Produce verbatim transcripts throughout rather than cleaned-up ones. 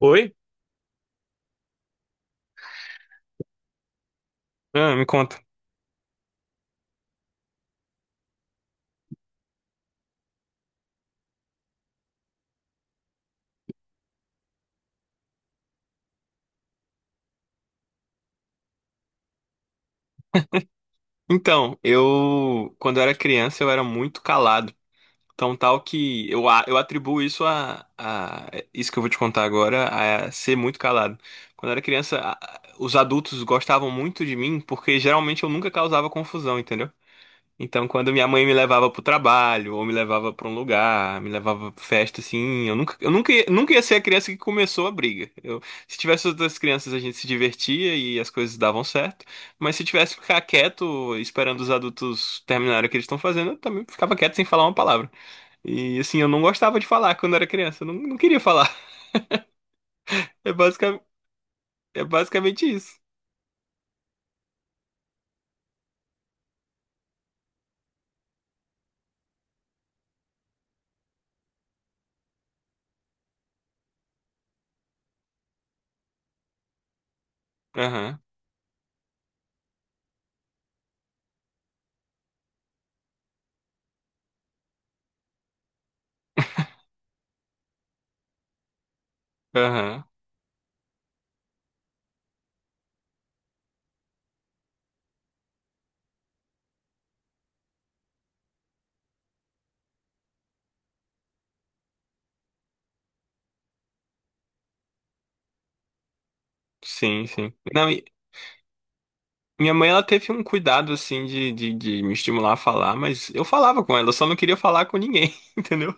Oi? Ah, me conta. Então, eu, quando eu era criança, eu era muito calado. Tão tal que eu, a- eu atribuo isso a, a- isso que eu vou te contar agora, a ser muito calado. Quando eu era criança, a- a- os adultos gostavam muito de mim porque geralmente eu nunca causava confusão, entendeu? Então, quando minha mãe me levava pro trabalho, ou me levava pra um lugar, me levava pra festa, assim, eu nunca, eu nunca, ia- nunca ia ser a criança que começou a briga. Eu, se tivesse outras crianças, a gente se divertia e as coisas davam certo, mas se tivesse que ficar quieto, esperando os adultos terminarem o que eles estão fazendo, eu também ficava quieto sem falar uma palavra. E, assim, eu não gostava de falar quando era criança, eu não, não queria falar. É basicamente, é basicamente isso. Aham, aham. Sim, sim. Não. Minha mãe, ela teve um cuidado, assim, de, de, de me estimular a falar, mas eu falava com ela, eu só não queria falar com ninguém, entendeu?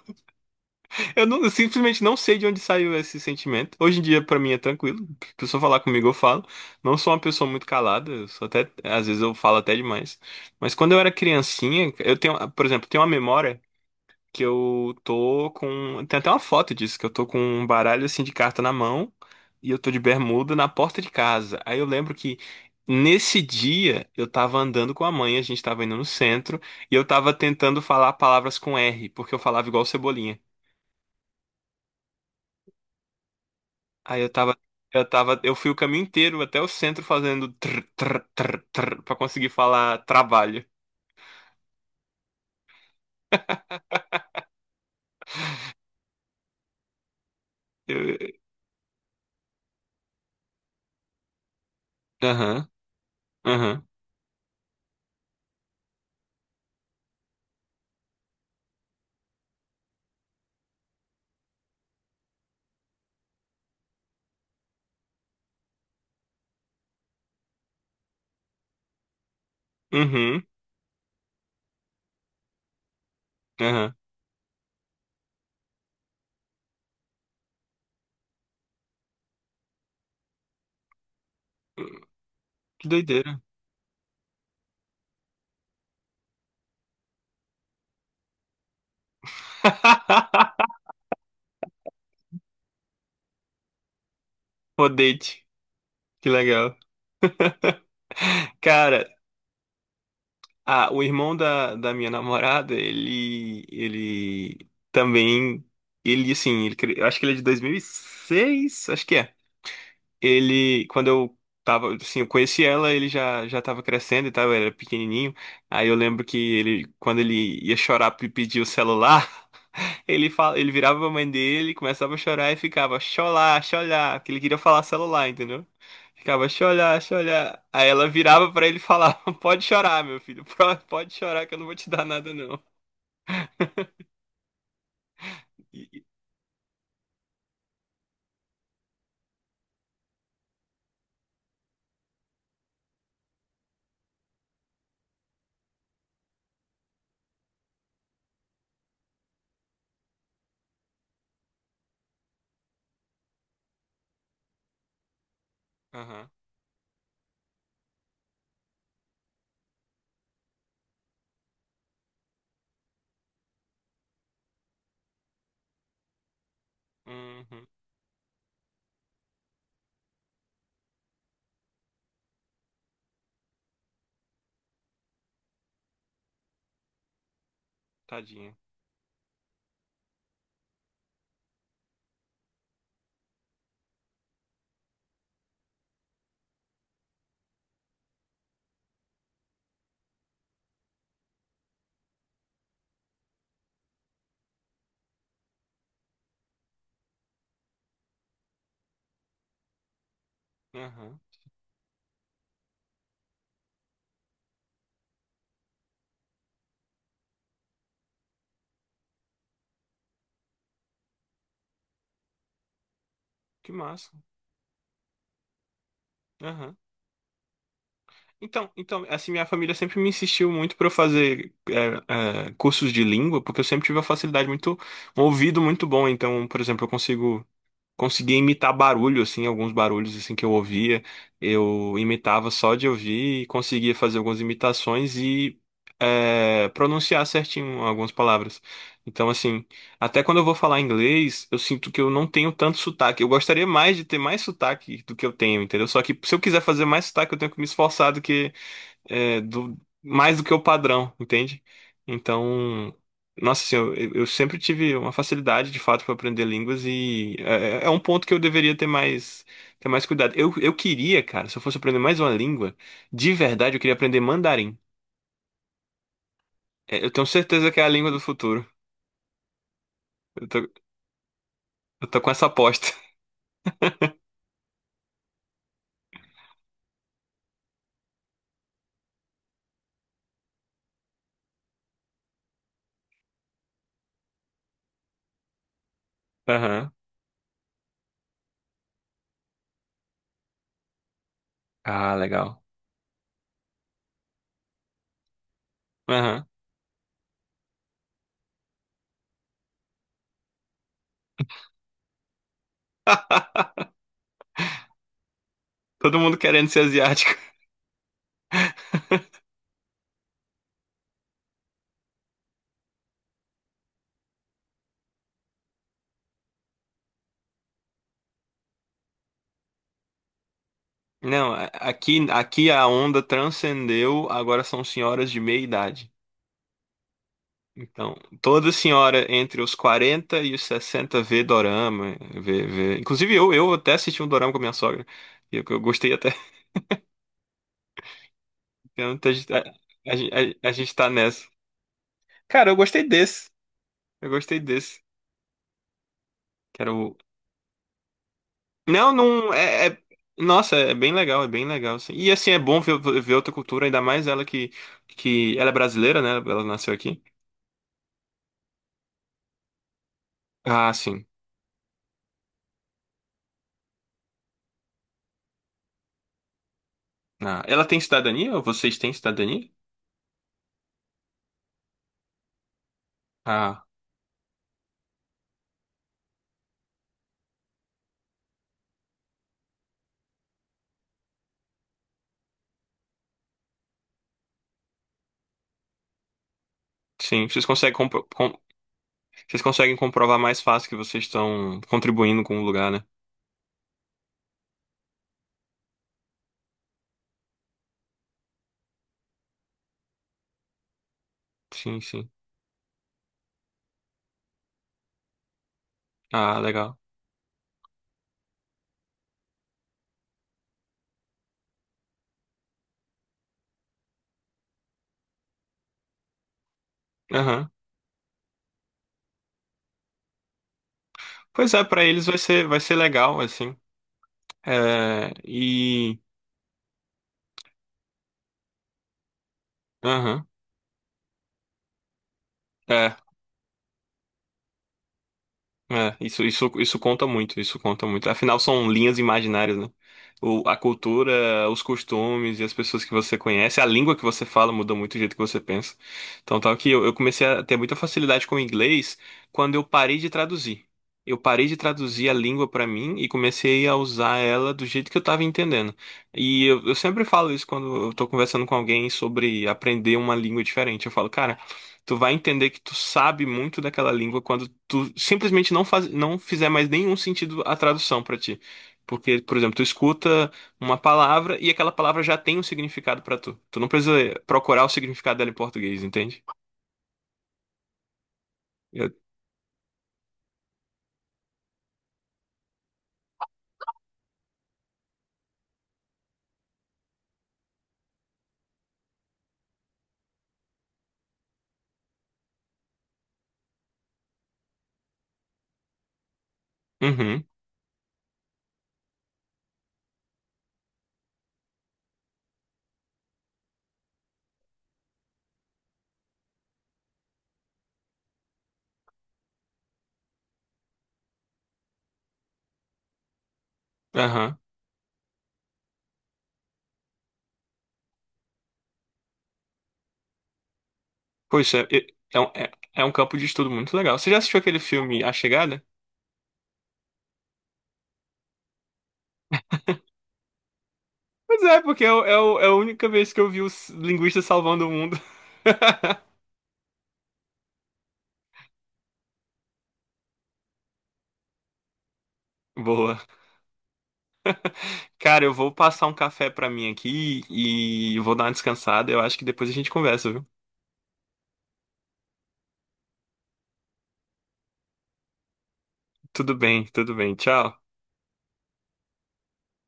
Eu, não, eu simplesmente não sei de onde saiu esse sentimento. Hoje em dia, pra mim, é tranquilo. A pessoa falar comigo, eu falo. Não sou uma pessoa muito calada, eu sou até, às vezes eu falo até demais. Mas quando eu era criancinha, eu tenho, por exemplo, tenho uma memória que eu tô com. Tem até uma foto disso, que eu tô com um baralho assim de carta na mão e eu tô de bermuda na porta de casa. Aí eu lembro que nesse dia eu tava andando com a mãe, a gente tava indo no centro e eu tava tentando falar palavras com R, porque eu falava igual Cebolinha. Aí eu tava. Eu tava, eu fui o caminho inteiro até o centro fazendo tr, tr, tr, tr, pra conseguir falar trabalho. Eu- Aham, aham, uhum, aham. Que doideira. Rodete. Que legal. Cara, ah, o irmão da, da minha namorada, ele, ele também, ele assim, ele, cre- eu acho que ele é de dois mil e seis acho que é. Ele, quando eu tava, assim, eu conheci ela, ele já, já tava crescendo e tal, ele era pequenininho. Aí eu lembro que ele, quando ele ia chorar e pedir o celular, ele fala, ele virava pra mãe dele, começava a chorar e ficava xolá, xolá, que ele queria falar celular, entendeu? Ficava xolá, xolá. Aí ela virava pra ele e falava: "Pode chorar, meu filho. pro- Pode chorar que eu não vou te dar nada não". E- e- Aham. Uhum. Tadinha. Aham. Que massa. Aham. Então, então, assim, minha família sempre me insistiu muito pra eu fazer é, é, cursos de língua, porque eu sempre tive uma facilidade muito, um ouvido muito bom. Então, por exemplo, eu consigo conseguia imitar barulho, assim, alguns barulhos, assim, que eu ouvia. Eu imitava só de ouvir e conseguia fazer algumas imitações e é, pronunciar certinho algumas palavras. Então, assim, até quando eu vou falar inglês, eu sinto que eu não tenho tanto sotaque. Eu gostaria mais de ter mais sotaque do que eu tenho, entendeu? Só que se eu quiser fazer mais sotaque, eu tenho que me esforçar do que é, do, mais do que o padrão, entende? Então, nossa, assim, eu, eu sempre tive uma facilidade de fato para aprender línguas e é, é é um ponto que eu deveria ter mais, ter mais, cuidado. Eu, eu queria, cara, se eu fosse aprender mais uma língua, de verdade, eu queria aprender mandarim. É, eu tenho certeza que é a língua do futuro. Eu tô, eu tô com essa aposta. Aham. Ah, legal. Aham. Todo mundo querendo ser asiático. Não, a- aqui, aqui a onda transcendeu, agora são senhoras de meia idade. Então, toda senhora entre os quarenta e os sessenta vê dorama, vê, vê... Inclusive eu, eu até assisti um dorama com a minha sogra, e eu, eu gostei até. Então, A, gente- a, a, a gente tá nessa. Cara, eu gostei desse. Eu gostei desse. Que era o... Não, não... É, é- Nossa, é bem legal, é bem legal, assim. E assim, é bom ver, ver outra cultura, ainda mais ela que, que... Ela é brasileira, né? Ela nasceu aqui. Ah, sim. Ah, ela tem cidadania? Ou vocês têm cidadania? Ah, sim. Vocês conseguem Vocês conseguem comprovar mais fácil que vocês estão contribuindo com o lugar, né? Sim, sim. Ah, legal. Aham. Pois é, pra eles vai ser, vai ser legal, assim. É, e. Aham. É. É, isso, isso, isso conta muito, isso conta muito. Afinal, são linhas imaginárias, né? O, a cultura, os costumes e as pessoas que você conhece, a língua que você fala muda muito o jeito que você pensa. Então, tal que eu, eu comecei a ter muita facilidade com o inglês quando eu parei de traduzir. Eu parei de traduzir a língua pra mim e comecei a usar ela do jeito que eu tava entendendo. E eu, eu sempre falo isso quando eu tô conversando com alguém sobre aprender uma língua diferente. Eu falo, cara, tu vai entender que tu sabe muito daquela língua quando tu simplesmente não faz, não fizer mais nenhum sentido a tradução pra ti. Porque, por exemplo, tu escuta uma palavra e aquela palavra já tem um significado pra tu. Tu não precisa procurar o significado dela em português, entende? Eu- Uhum, aham. Pô, isso é, é, é um é- é um campo de estudo muito legal. Você já assistiu aquele filme A Chegada? Pois é, porque é, o- é o- é a única vez que eu vi os linguistas salvando o mundo. Boa. Cara, eu vou passar um café pra mim aqui e vou dar uma descansada. Eu acho que depois a gente conversa, viu? Tudo bem, tudo bem. Tchau.